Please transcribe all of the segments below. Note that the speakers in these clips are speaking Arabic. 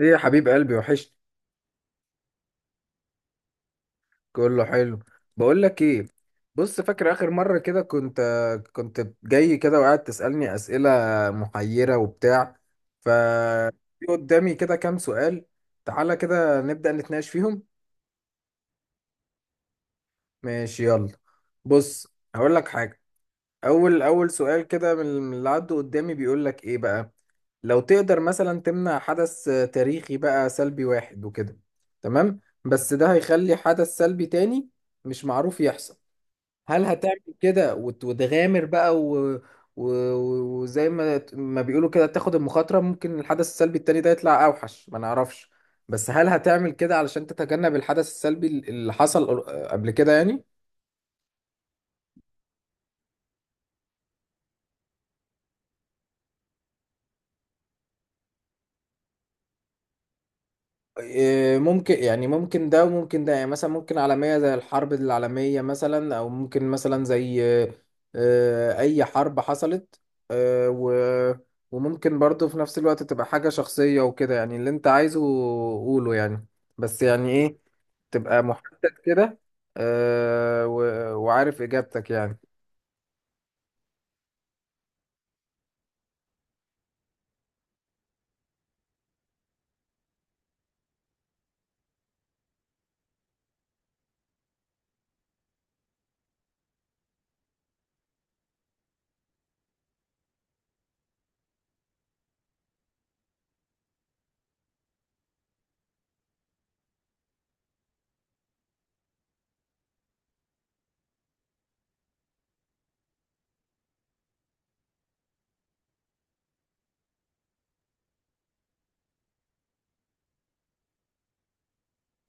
ايه يا حبيب قلبي، وحشت. كله حلو. بقول لك ايه؟ بص، فاكر اخر مره كده كنت جاي كده وقاعد تسالني اسئله محيره وبتاع. ف في قدامي كده كام سؤال. تعالى كده نبدا نتناقش فيهم. ماشي يلا. بص. هقول لك حاجه. اول سؤال كده من اللي عدوا قدامي بيقول لك ايه بقى. لو تقدر مثلا تمنع حدث تاريخي بقى سلبي واحد وكده. تمام، بس ده هيخلي حدث سلبي تاني مش معروف يحصل. هل هتعمل كده وتغامر بقى و... وزي ما بيقولوا كده تاخد المخاطرة، ممكن الحدث السلبي التاني ده يطلع أوحش، ما نعرفش. بس هل هتعمل كده علشان تتجنب الحدث السلبي اللي حصل قبل كده يعني؟ إيه، ممكن يعني ممكن ده وممكن ده يعني مثلا ممكن عالمية زي الحرب العالمية مثلا أو ممكن مثلا زي أي حرب حصلت. آه، و- وممكن برضو في نفس الوقت تبقى حاجة شخصية وكده يعني اللي أنت عايزه. قوله يعني. بس يعني إيه. تبقى محدد كده. وعارف إجابتك يعني.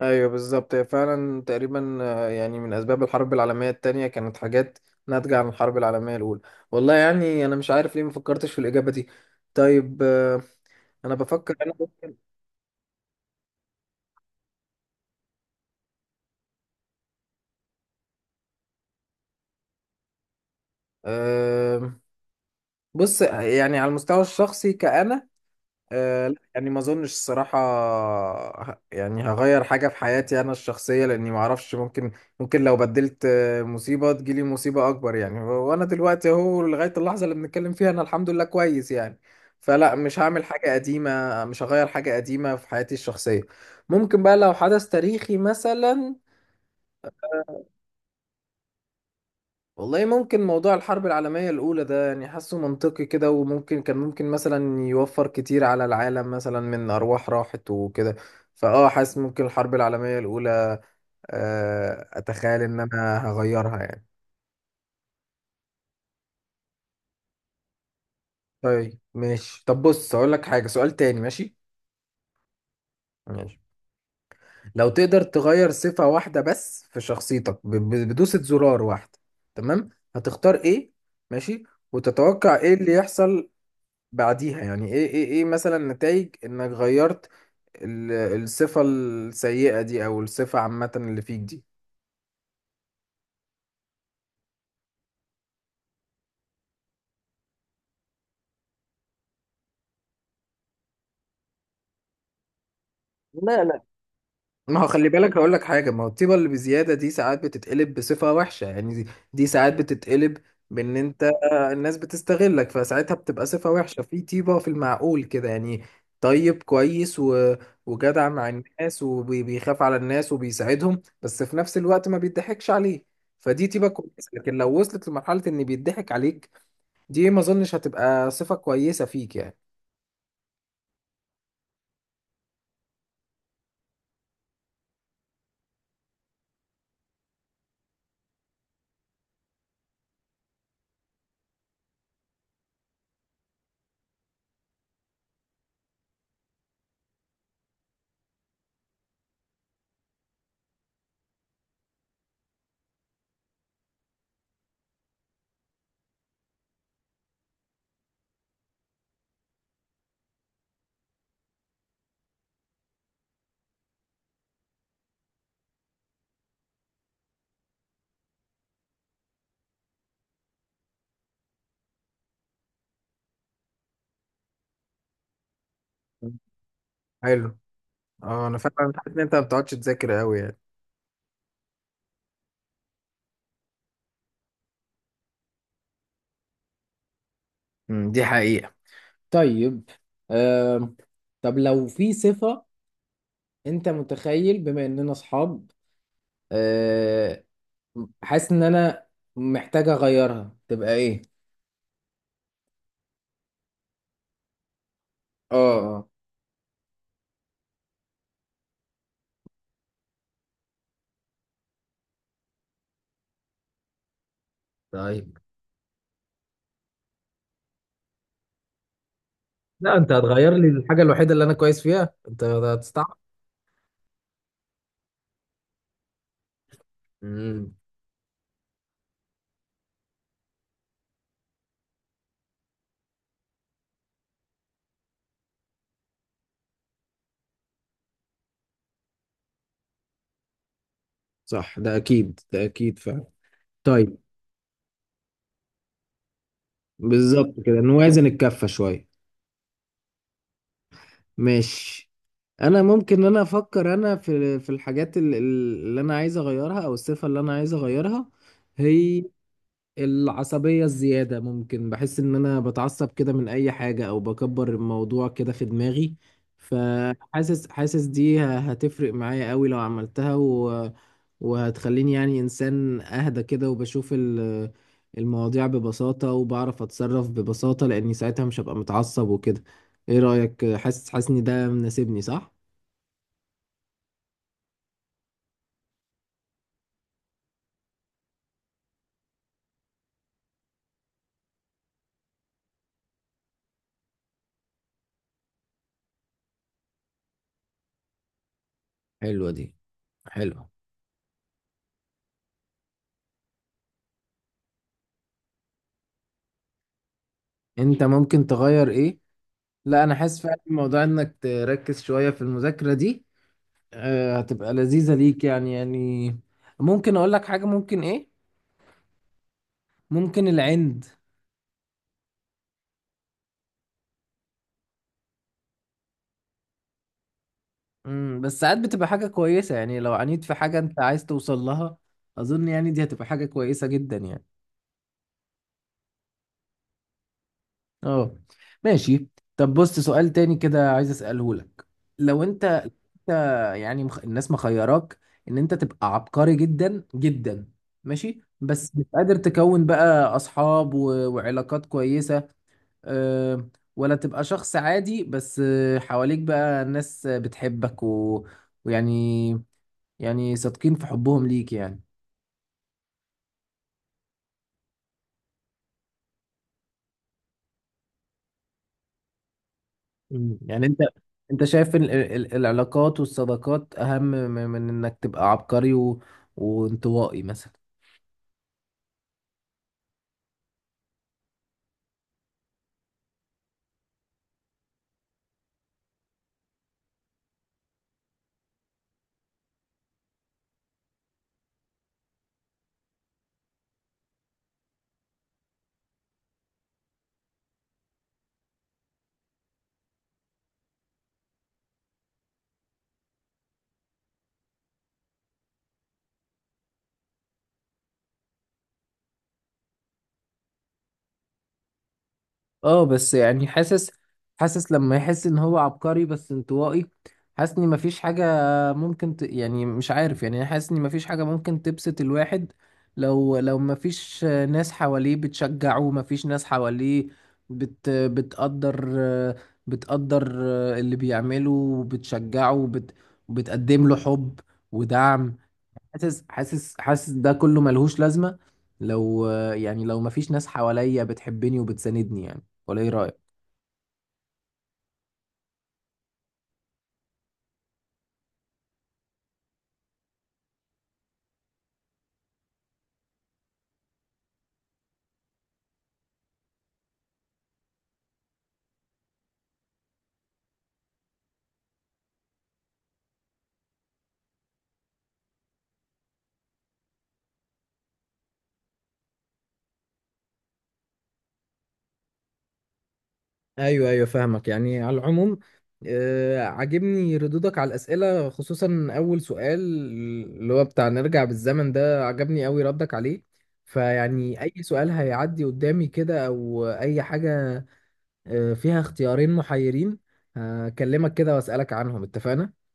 ايوه بالظبط، هي فعلا تقريبا يعني من اسباب الحرب العالميه التانية كانت حاجات ناتجه عن الحرب العالميه الاولى. والله يعني انا مش عارف ليه ما فكرتش في الاجابه دي. طيب. انا بفكر انا ممكن. آه، بص يعني على المستوى الشخصي كأنا. لا، يعني ما اظنش الصراحة. يعني هغير حاجة في حياتي انا الشخصية لاني ما اعرفش ممكن. ممكن لو بدلت مصيبة تجيلي مصيبة اكبر يعني وانا دلوقتي اهو لغاية اللحظة اللي بنتكلم فيها انا الحمد لله كويس يعني. فلا، مش هعمل حاجة قديمة، مش هغير حاجة قديمة في حياتي الشخصية. ممكن بقى لو حدث تاريخي مثلا. والله ممكن موضوع الحرب العالمية الأولى ده يعني حاسه منطقي كده، وممكن كان ممكن مثلا يوفر كتير على العالم مثلا من أرواح راحت وكده. فأه حاسس ممكن الحرب العالمية الأولى. أتخيل إن أنا هغيرها يعني. طيب ماشي. طب بص أقول لك حاجة، سؤال تاني. ماشي. ماشي. لو تقدر تغير صفة واحدة بس في شخصيتك بدوسة زرار واحدة. تمام. هتختار إيه؟ ماشي. وتتوقع إيه اللي يحصل بعديها؟ يعني ايه مثلا نتائج انك غيرت ال- الصفة السيئة دي او الصفة عامة اللي فيك دي. لا، ما هو خلي بالك، هقول لك حاجة. ما هو الطيبة اللي بزيادة دي ساعات بتتقلب بصفة وحشة، يعني دي ساعات بتتقلب بإن أنت الناس بتستغلك، فساعتها بتبقى صفة وحشة في طيبة في المعقول كده يعني. طيب كويس وجدع مع الناس وبيخاف على الناس وبيساعدهم، بس في نفس الوقت ما بيضحكش عليه. فدي طيبة كويسة، لكن لو وصلت لمرحلة إن بيضحك عليك، دي ما أظنش هتبقى صفة كويسة فيك يعني. حلو. اه، أنا فعلا حاسس إن أنت ما بتقعدش تذاكر أوي يعني. دي حقيقة. طيب. آه، طب لو في صفة، انت متخيل بما اننا اصحاب، آه، حاسس ان انا محتاج اغيرها، تبقى ايه؟ اه، اه. طيب. لا، انت هتغير لي الحاجه الوحيده اللي انا كويس فيها، انت هتستعب. امم. صح، ده اكيد، ده اكيد فعلا. طيب. بالظبط كده نوازن الكفة شوية. ماشي. انا ممكن إن انا افكر، انا في الحاجات اللي انا عايز اغيرها او الصفة اللي انا عايز اغيرها هي العصبية الزيادة. ممكن بحس إن أنا بتعصب كده من أي حاجة أو بكبر الموضوع كده في دماغي. فحاسس حاسس دي هتفرق معايا قوي لو عملتها، وهتخليني يعني إنسان أهدى كده، وبشوف المواضيع ببساطة وبعرف أتصرف ببساطة، لأني ساعتها مش هبقى متعصب وكده. إيه رأيك؟ حاسس إن ده مناسبني صح؟ حلوة دي. حلو. انت ممكن تغير ايه؟ لا، انا حاسس فعلا موضوع انك تركز شوية في المذاكرة دي هتبقى لذيذة ليك يعني. ممكن اقول لك حاجة، ممكن ايه؟ ممكن العند. بس ساعات بتبقى حاجة كويسة، يعني لو عانيت في حاجة انت عايز توصل لها، اظن يعني دي هتبقى حاجة كويسة جدا يعني. اه. ماشي. طب بص، سؤال تاني كده عايز اسأله لك. لو انت، انت يعني الناس مخيراك ان انت تبقى عبقري جدا جدا، ماشي، بس مش قادر تكون بقى اصحاب وعلاقات كويسة، آه، ولا تبقى شخص عادي بس حواليك بقى ناس بتحبك ويعني، يعني صادقين في حبهم ليك يعني. مم. يعني انت، انت شايف العلاقات والصداقات اهم من انك تبقى عبقري وانطوائي مثلا. اه، بس يعني حاسس لما يحس ان هو عبقري بس انطوائي، حاسس ان مفيش حاجة ممكن يعني مش عارف، يعني أنا حاسس ان مفيش حاجة ممكن تبسط الواحد لو مفيش ناس حواليه بتشجعه، مفيش ناس حواليه بت... بتقدر بتقدر اللي بيعمله وبتشجعه وبتقدم له حب ودعم. حاسس ده كله ملهوش لازمة لو، يعني لو مفيش ناس حواليا بتحبني وبتساندني يعني، ولا ايه رأيك؟ ايوه، ايوه، فاهمك، يعني على العموم عاجبني ردودك على الاسئله، خصوصا اول سؤال، اللي هو بتاع نرجع بالزمن، ده عجبني قوي ردك عليه. فيعني اي سؤال هيعدي قدامي كده او اي حاجه فيها اختيارين محيرين، هكلمك كده واسالك عنهم اتفقنا.